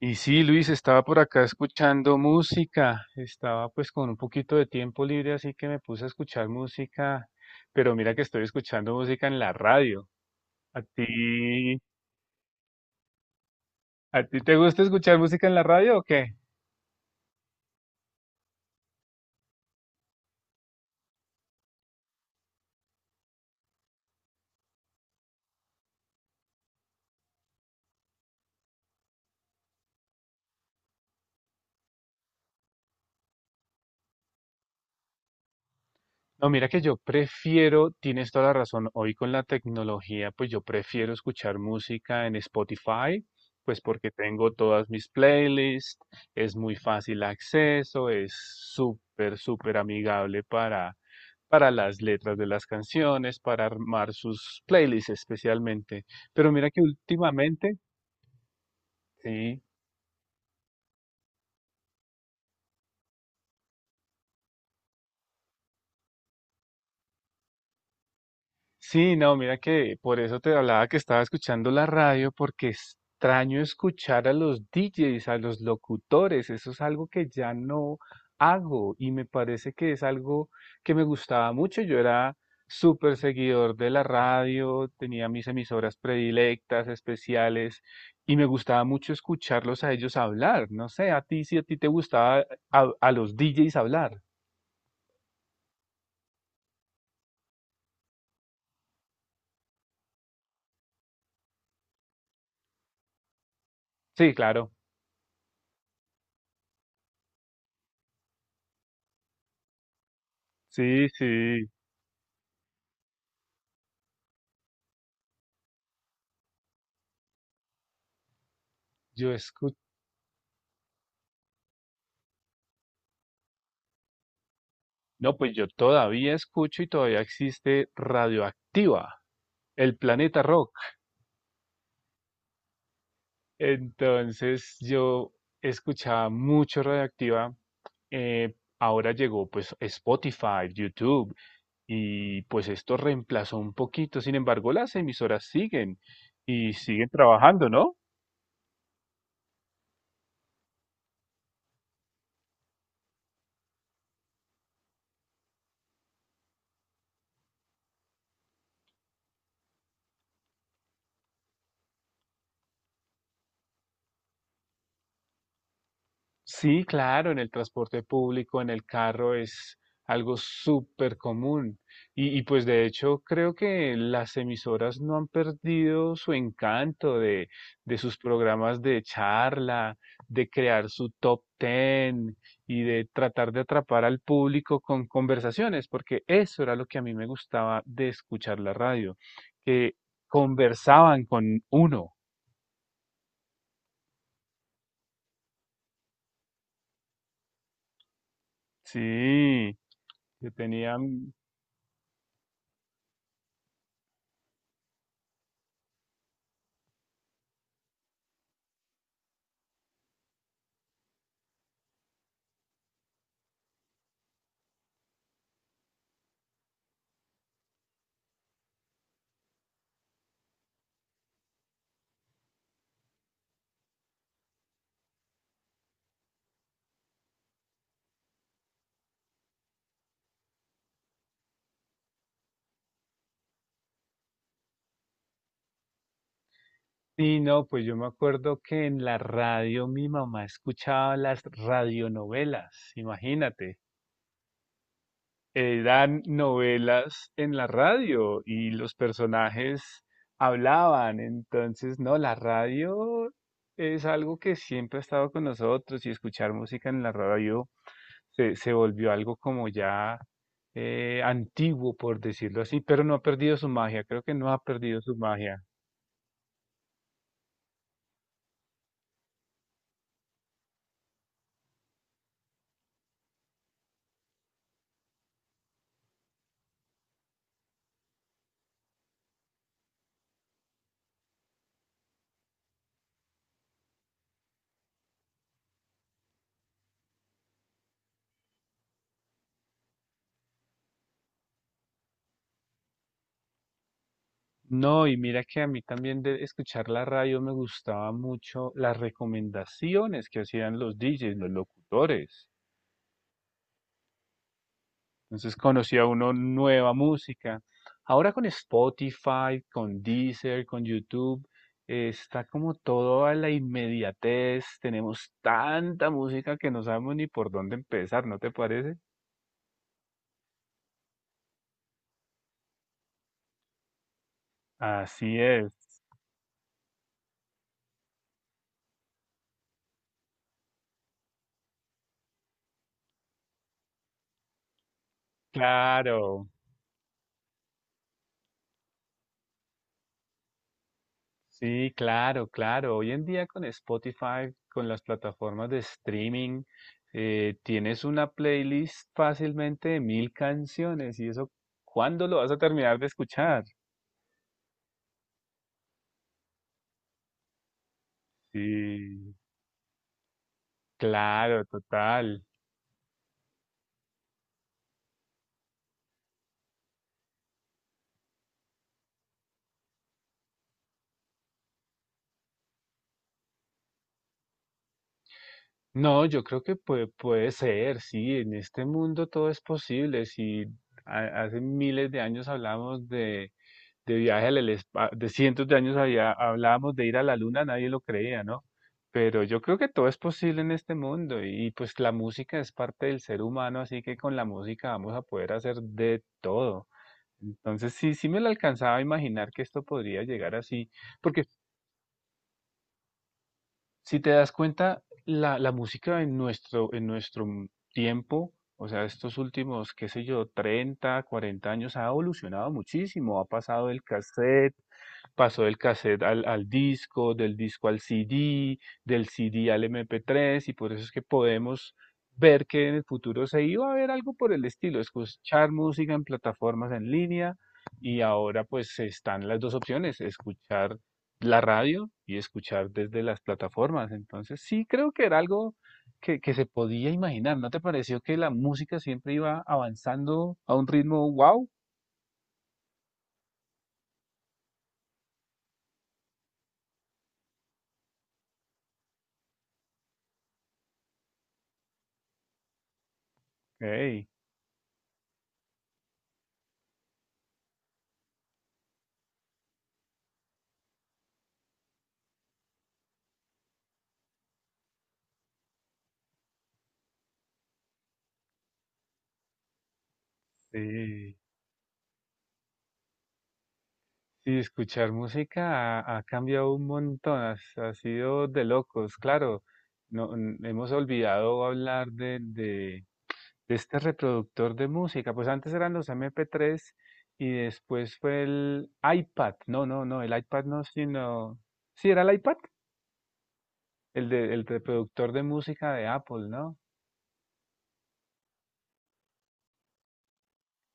Y sí, Luis, estaba por acá escuchando música, estaba pues con un poquito de tiempo libre, así que me puse a escuchar música, pero mira que estoy escuchando música en la radio. ¿A ti, a ti te gusta escuchar música en la radio o qué? No, mira que yo prefiero, tienes toda la razón, hoy con la tecnología, pues yo prefiero escuchar música en Spotify, pues porque tengo todas mis playlists, es muy fácil acceso, es súper, súper amigable para las letras de las canciones, para armar sus playlists especialmente. Pero mira que últimamente, sí, sí, no, mira que por eso te hablaba que estaba escuchando la radio, porque extraño escuchar a los DJs, a los locutores, eso es algo que ya no hago y me parece que es algo que me gustaba mucho. Yo era súper seguidor de la radio, tenía mis emisoras predilectas, especiales, y me gustaba mucho escucharlos a ellos hablar. No sé, a ti si a ti te gustaba a los DJs hablar. Sí, claro. Sí, sí. Yo escucho. No, pues yo todavía escucho y todavía existe Radioactiva, el planeta rock. Entonces yo escuchaba mucho Radioactiva. eh, Ahora llegó pues Spotify, YouTube y pues esto reemplazó un poquito. Sin embargo, las emisoras siguen y siguen trabajando, ¿no? Sí, claro, en el transporte público, en el carro es algo súper común. Pues de hecho creo que las emisoras no han perdido su encanto de sus programas de charla, de crear su top ten y de tratar de atrapar al público con conversaciones, porque eso era lo que a mí me gustaba de escuchar la radio, que conversaban con uno. Sí, que tenían. Sí, no, pues yo me acuerdo que en la radio mi mamá escuchaba las radionovelas, imagínate. Eran novelas en la radio y los personajes hablaban, entonces, no, la radio es algo que siempre ha estado con nosotros y escuchar música en la radio se volvió algo como ya antiguo, por decirlo así, pero no ha perdido su magia, creo que no ha perdido su magia. No, y mira que a mí también de escuchar la radio me gustaba mucho las recomendaciones que hacían los DJs, los locutores. Entonces conocía uno nueva música. Ahora con Spotify, con Deezer, con YouTube, está como todo a la inmediatez. Tenemos tanta música que no sabemos ni por dónde empezar, ¿no te parece? Así es, claro. Sí, claro, claro. Hoy en día con Spotify, con las plataformas de streaming, tienes una playlist fácilmente de 1.000 canciones y eso, ¿cuándo lo vas a terminar de escuchar? Sí, claro, total. No, yo creo que puede, puede ser, sí, en este mundo todo es posible. Si hace miles de años hablamos de viaje al espacio, de cientos de años había, hablábamos de ir a la luna, nadie lo creía, ¿no? Pero yo creo que todo es posible en este mundo y pues la música es parte del ser humano, así que con la música vamos a poder hacer de todo. Entonces sí, sí me lo alcanzaba a imaginar que esto podría llegar así, porque si te das cuenta, la música en nuestro tiempo, o sea, estos últimos, qué sé yo, 30, 40 años ha evolucionado muchísimo, ha pasado del cassette pasó del cassette al disco, del disco al CD, del CD al MP3, y por eso es que podemos ver que en el futuro se iba a ver algo por el estilo, escuchar música en plataformas en línea, y ahora pues están las dos opciones, escuchar la radio y escuchar desde las plataformas. Entonces sí creo que era algo que se podía imaginar. ¿No te pareció que la música siempre iba avanzando a un ritmo wow? Ey, sí. Sí, escuchar música ha cambiado un montón, ha sido de locos, claro. No, hemos olvidado hablar de este reproductor de música. Pues antes eran los MP3 y después fue el iPad. No, no, no, el iPad no, sino... Sí, era el iPad, el reproductor de música de Apple, ¿no?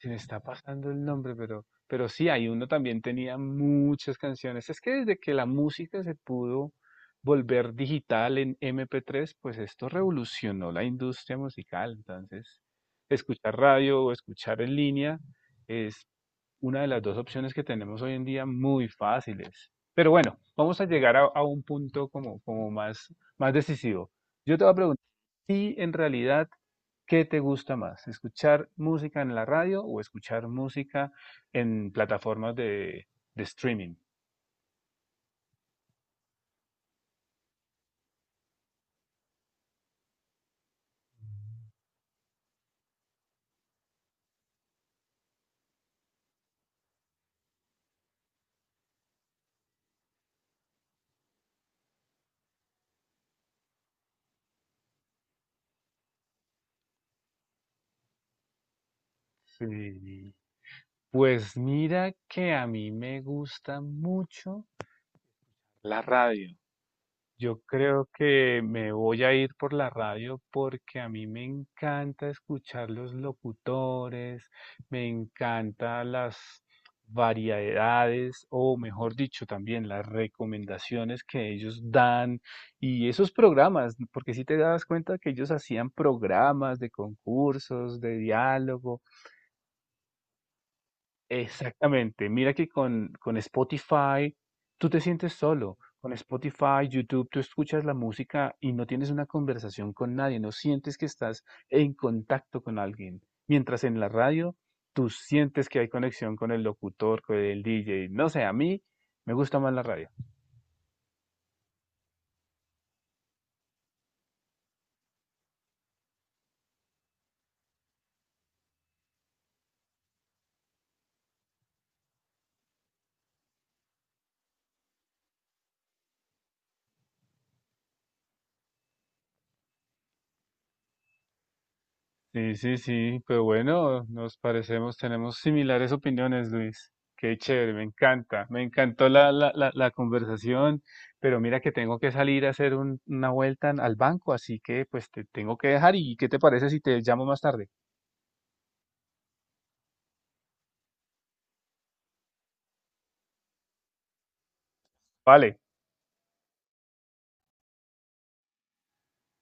Se me está pasando el nombre, pero sí, hay uno también tenía muchas canciones. Es que desde que la música se pudo volver digital en MP3, pues esto revolucionó la industria musical. Entonces, escuchar radio o escuchar en línea es una de las dos opciones que tenemos hoy en día muy fáciles. Pero bueno, vamos a llegar a un punto como más decisivo. Yo te voy a preguntar, ¿y en realidad qué te gusta más? ¿Escuchar música en la radio o escuchar música en plataformas de streaming? Sí, pues mira que a mí me gusta mucho la radio. Yo creo que me voy a ir por la radio porque a mí me encanta escuchar los locutores, me encanta las variedades o mejor dicho también las recomendaciones que ellos dan y esos programas, porque si te das cuenta que ellos hacían programas de concursos, de diálogo. Exactamente. Mira que con Spotify tú te sientes solo. Con Spotify, YouTube, tú escuchas la música y no tienes una conversación con nadie, no sientes que estás en contacto con alguien. Mientras en la radio, tú sientes que hay conexión con el locutor, con el DJ. No sé, a mí me gusta más la radio. Sí, sí, sí, pues bueno, nos parecemos, tenemos similares opiniones, Luis. Qué chévere, me encanta, me encantó la conversación, pero mira que tengo que salir a hacer una vuelta al banco, así que pues te tengo que dejar y ¿qué te parece si te llamo más tarde? Vale.